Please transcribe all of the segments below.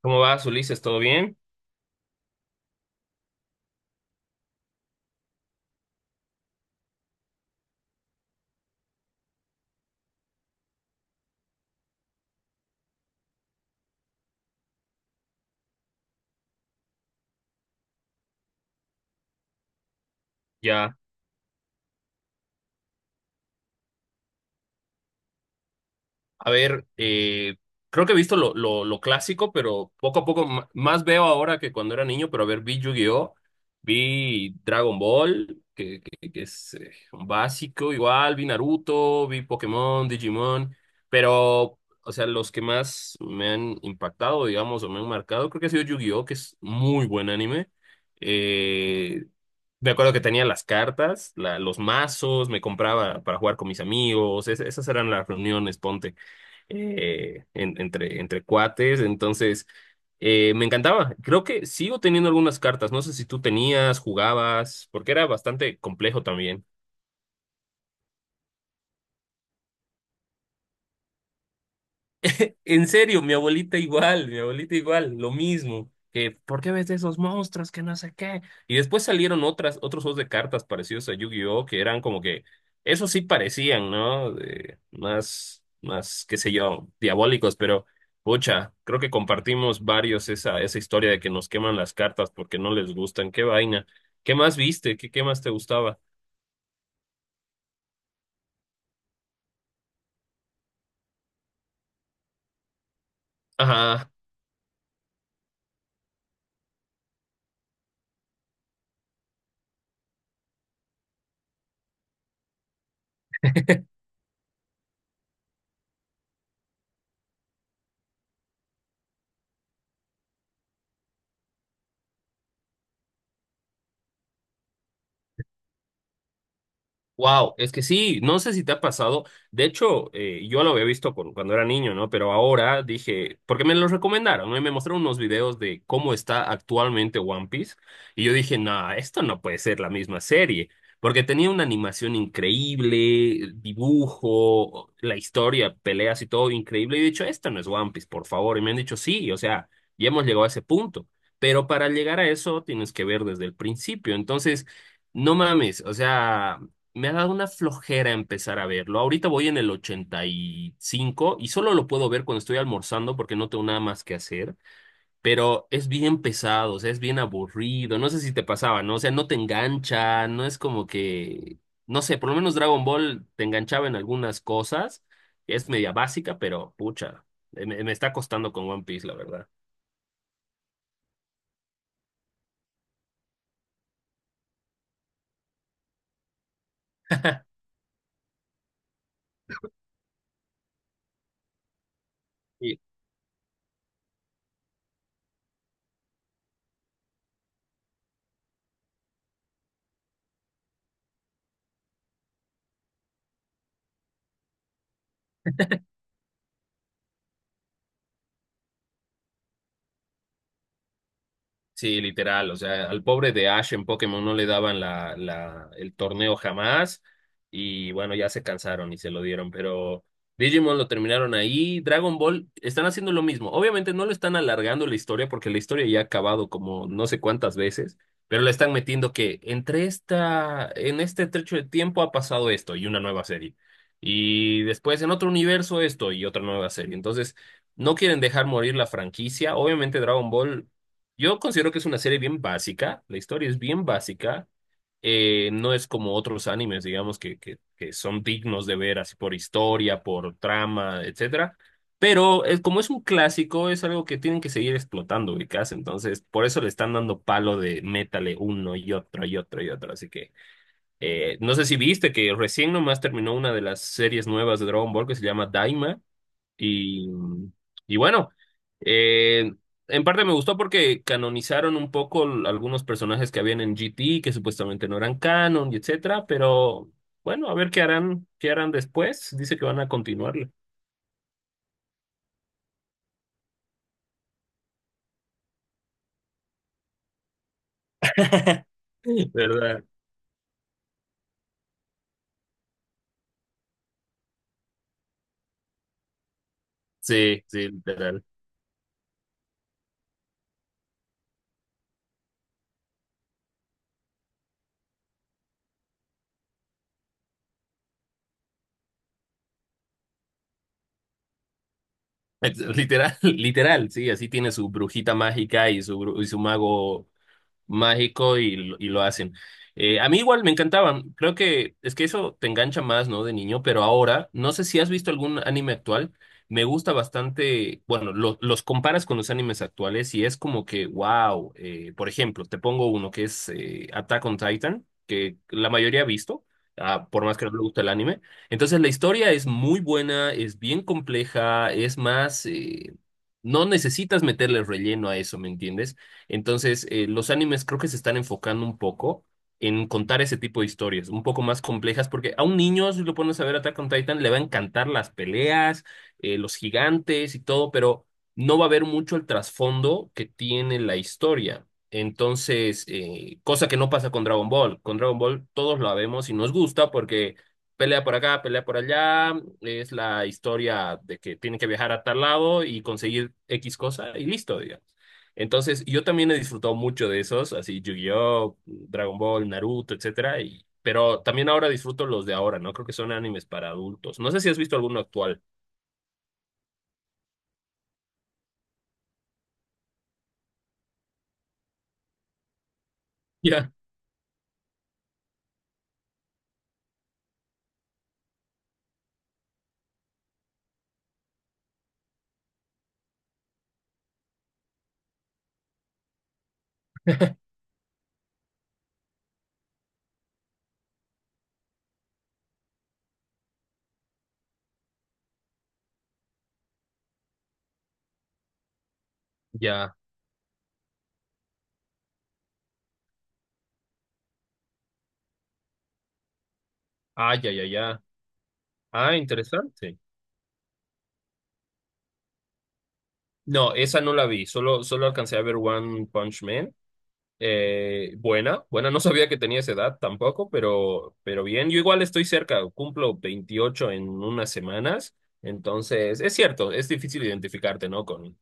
¿Cómo vas, Ulises? ¿Todo bien? Ya. A ver, creo que he visto lo clásico, pero poco a poco más veo ahora que cuando era niño, pero a ver, vi Yu-Gi-Oh, vi Dragon Ball, que es un básico igual, vi Naruto, vi Pokémon, Digimon, pero, o sea, los que más me han impactado, digamos, o me han marcado, creo que ha sido Yu-Gi-Oh, que es muy buen anime. Eh, Me acuerdo que tenía las cartas, los mazos, me compraba para jugar con mis amigos, esas eran las reuniones, ponte entre cuates. Entonces, me encantaba. Creo que sigo teniendo algunas cartas. No sé si tú tenías, jugabas, porque era bastante complejo también. En serio, mi abuelita igual, lo mismo. Que, ¿por qué ves esos monstruos que no sé qué? Y después salieron otras, otros juegos de cartas parecidos a Yu-Gi-Oh! Que eran como que, esos sí parecían, ¿no? Más, más, qué sé yo, diabólicos, pero, pucha, creo que compartimos varios esa, esa historia de que nos queman las cartas porque no les gustan. Qué vaina. ¿Qué más viste? ¿Qué, qué más te gustaba? Ajá. Wow, es que sí, no sé si te ha pasado. De hecho, yo lo había visto cuando era niño, ¿no? Pero ahora dije, porque me lo recomendaron, ¿no? Y me mostraron unos videos de cómo está actualmente One Piece. Y yo dije, no, esto no puede ser la misma serie. Porque tenía una animación increíble, dibujo, la historia, peleas y todo increíble. Y he dicho, esto no es One Piece, por favor. Y me han dicho, sí, o sea, ya hemos llegado a ese punto. Pero para llegar a eso tienes que ver desde el principio. Entonces. No mames, o sea, me ha dado una flojera empezar a verlo. Ahorita voy en el 85 y cinco y solo lo puedo ver cuando estoy almorzando porque no tengo nada más que hacer. Pero es bien pesado, o sea, es bien aburrido. No sé si te pasaba, ¿no? O sea, no te engancha, no es como que, no sé, por lo menos Dragon Ball te enganchaba en algunas cosas. Es media básica, pero pucha, me está costando con One Piece, la verdad. Sí, literal, o sea, al pobre de Ash en Pokémon no le daban el torneo jamás y bueno, ya se cansaron y se lo dieron, pero Digimon lo terminaron ahí, Dragon Ball están haciendo lo mismo, obviamente no lo están alargando la historia porque la historia ya ha acabado como no sé cuántas veces, pero le están metiendo que entre esta, en este trecho de tiempo ha pasado esto y una nueva serie y después en otro universo esto y otra nueva serie, entonces... No quieren dejar morir la franquicia. Obviamente Dragon Ball yo considero que es una serie bien básica, la historia es bien básica, no es como otros animes, digamos, que son dignos de ver así por historia, por trama, etcétera. Pero es, como es un clásico, es algo que tienen que seguir explotando, ubicás. Entonces, por eso le están dando palo de métale uno y otro y otro y otro. Así que, no sé si viste que recién nomás terminó una de las series nuevas de Dragon Ball que se llama Daima. Y, y bueno, eh, en parte me gustó porque canonizaron un poco algunos personajes que habían en GT, que supuestamente no eran canon, y etcétera, pero bueno, a ver qué harán después. Dice que van a continuarlo, ¿verdad? Sí, sí, literal. Literal, literal, sí, así tiene su brujita mágica y su, y su mago mágico y, y lo hacen. A mí igual me encantaban, creo que es que eso te engancha más, ¿no? De niño, pero ahora, no sé si has visto algún anime actual, me gusta bastante, bueno, los comparas con los animes actuales y es como que, wow, por ejemplo, te pongo uno que es Attack on Titan, que la mayoría ha visto. Ah, por más que no le guste el anime. Entonces la historia es muy buena, es bien compleja, es más, no necesitas meterle relleno a eso, ¿me entiendes? Entonces, los animes creo que se están enfocando un poco en contar ese tipo de historias, un poco más complejas, porque a un niño, si lo pones a ver Attack on Titan, le va a encantar las peleas, los gigantes y todo, pero no va a ver mucho el trasfondo que tiene la historia. Entonces, cosa que no pasa con Dragon Ball. Con Dragon Ball todos la vemos y nos gusta porque pelea por acá, pelea por allá, es la historia de que tiene que viajar a tal lado y conseguir X cosa y listo, digamos. Entonces, yo también he disfrutado mucho de esos, así Yu-Gi-Oh, Dragon Ball, Naruto, etcétera, y pero también ahora disfruto los de ahora, ¿no? Creo que son animes para adultos. No sé si has visto alguno actual. Ya. Ya. Ah, ya, ya, ya. Ah, interesante. No, esa no la vi, solo alcancé a ver One Punch Man. Buena, buena, no sabía que tenía esa edad tampoco, pero bien, yo igual estoy cerca, cumplo 28 en unas semanas, entonces es cierto, es difícil identificarte, ¿no? Con,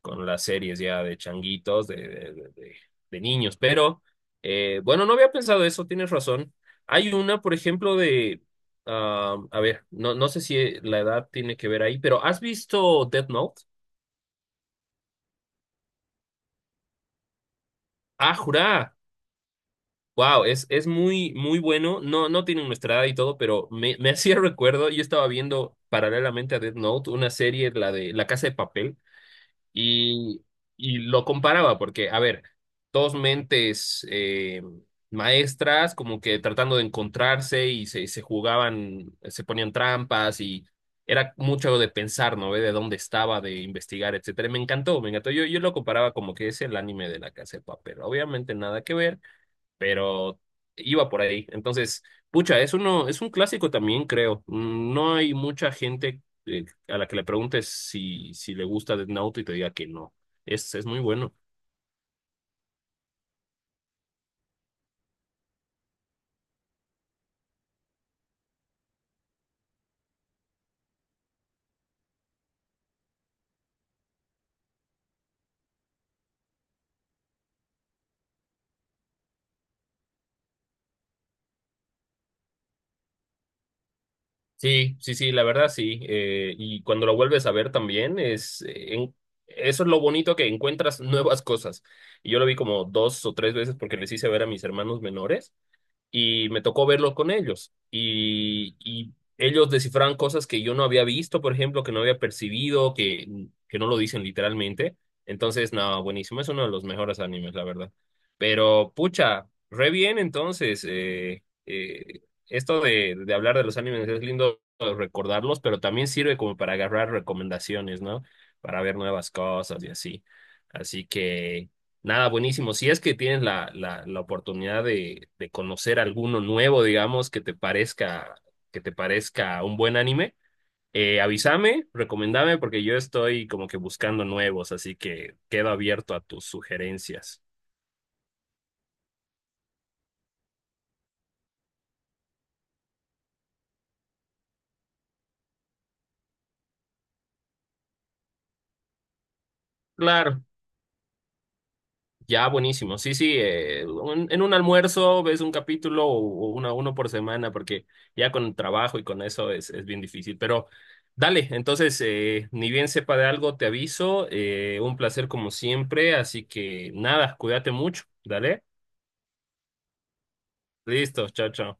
con las series ya de changuitos, de niños, pero bueno, no había pensado eso, tienes razón. Hay una, por ejemplo, de, ah, a ver, no, no sé si la edad tiene que ver ahí, pero ¿has visto Death Note? Ah, jurá. Wow, es muy, muy bueno. No, no tienen nuestra edad y todo, pero me hacía recuerdo, yo estaba viendo paralelamente a Death Note una serie, la de La Casa de Papel, y, y lo comparaba, porque, a ver, dos mentes maestras como que tratando de encontrarse y se jugaban, se ponían trampas y era mucho de pensar, ¿no? De dónde estaba, de investigar, etcétera. Y me encantó, me encantó. Yo lo comparaba como que es el anime de La Casa de Papel. Obviamente nada que ver pero iba por ahí. Entonces, pucha, es uno, es un clásico también, creo. No hay mucha gente a la que le preguntes si le gusta Death Note y te diga que no. Es muy bueno. Sí, sí, sí, la verdad sí. Y cuando lo vuelves a ver también, eso es lo bonito que encuentras nuevas cosas. Y yo lo vi como dos o tres veces porque les hice ver a mis hermanos menores. Y me tocó verlos con ellos. Y ellos descifraban cosas que yo no había visto, por ejemplo, que no había percibido, que no lo dicen literalmente. Entonces, no, buenísimo, es uno de los mejores animes, la verdad. Pero, pucha, re bien entonces. Esto de, hablar de los animes es lindo recordarlos, pero también sirve como para agarrar recomendaciones, ¿no? Para ver nuevas cosas y así. Así que... Nada, buenísimo. Si es que tienes la oportunidad de conocer alguno nuevo, digamos, que te parezca un buen anime, avísame, recomendame, porque yo estoy como que buscando nuevos, así que quedo abierto a tus sugerencias. Claro. Ya, buenísimo. Sí, sí, en un almuerzo ves un capítulo o una, uno por semana, porque ya con el trabajo y con eso es bien difícil. Pero dale, entonces, ni bien sepa de algo, te aviso. Un placer como siempre, así que nada, cuídate mucho. Dale. Listo, chao, chao.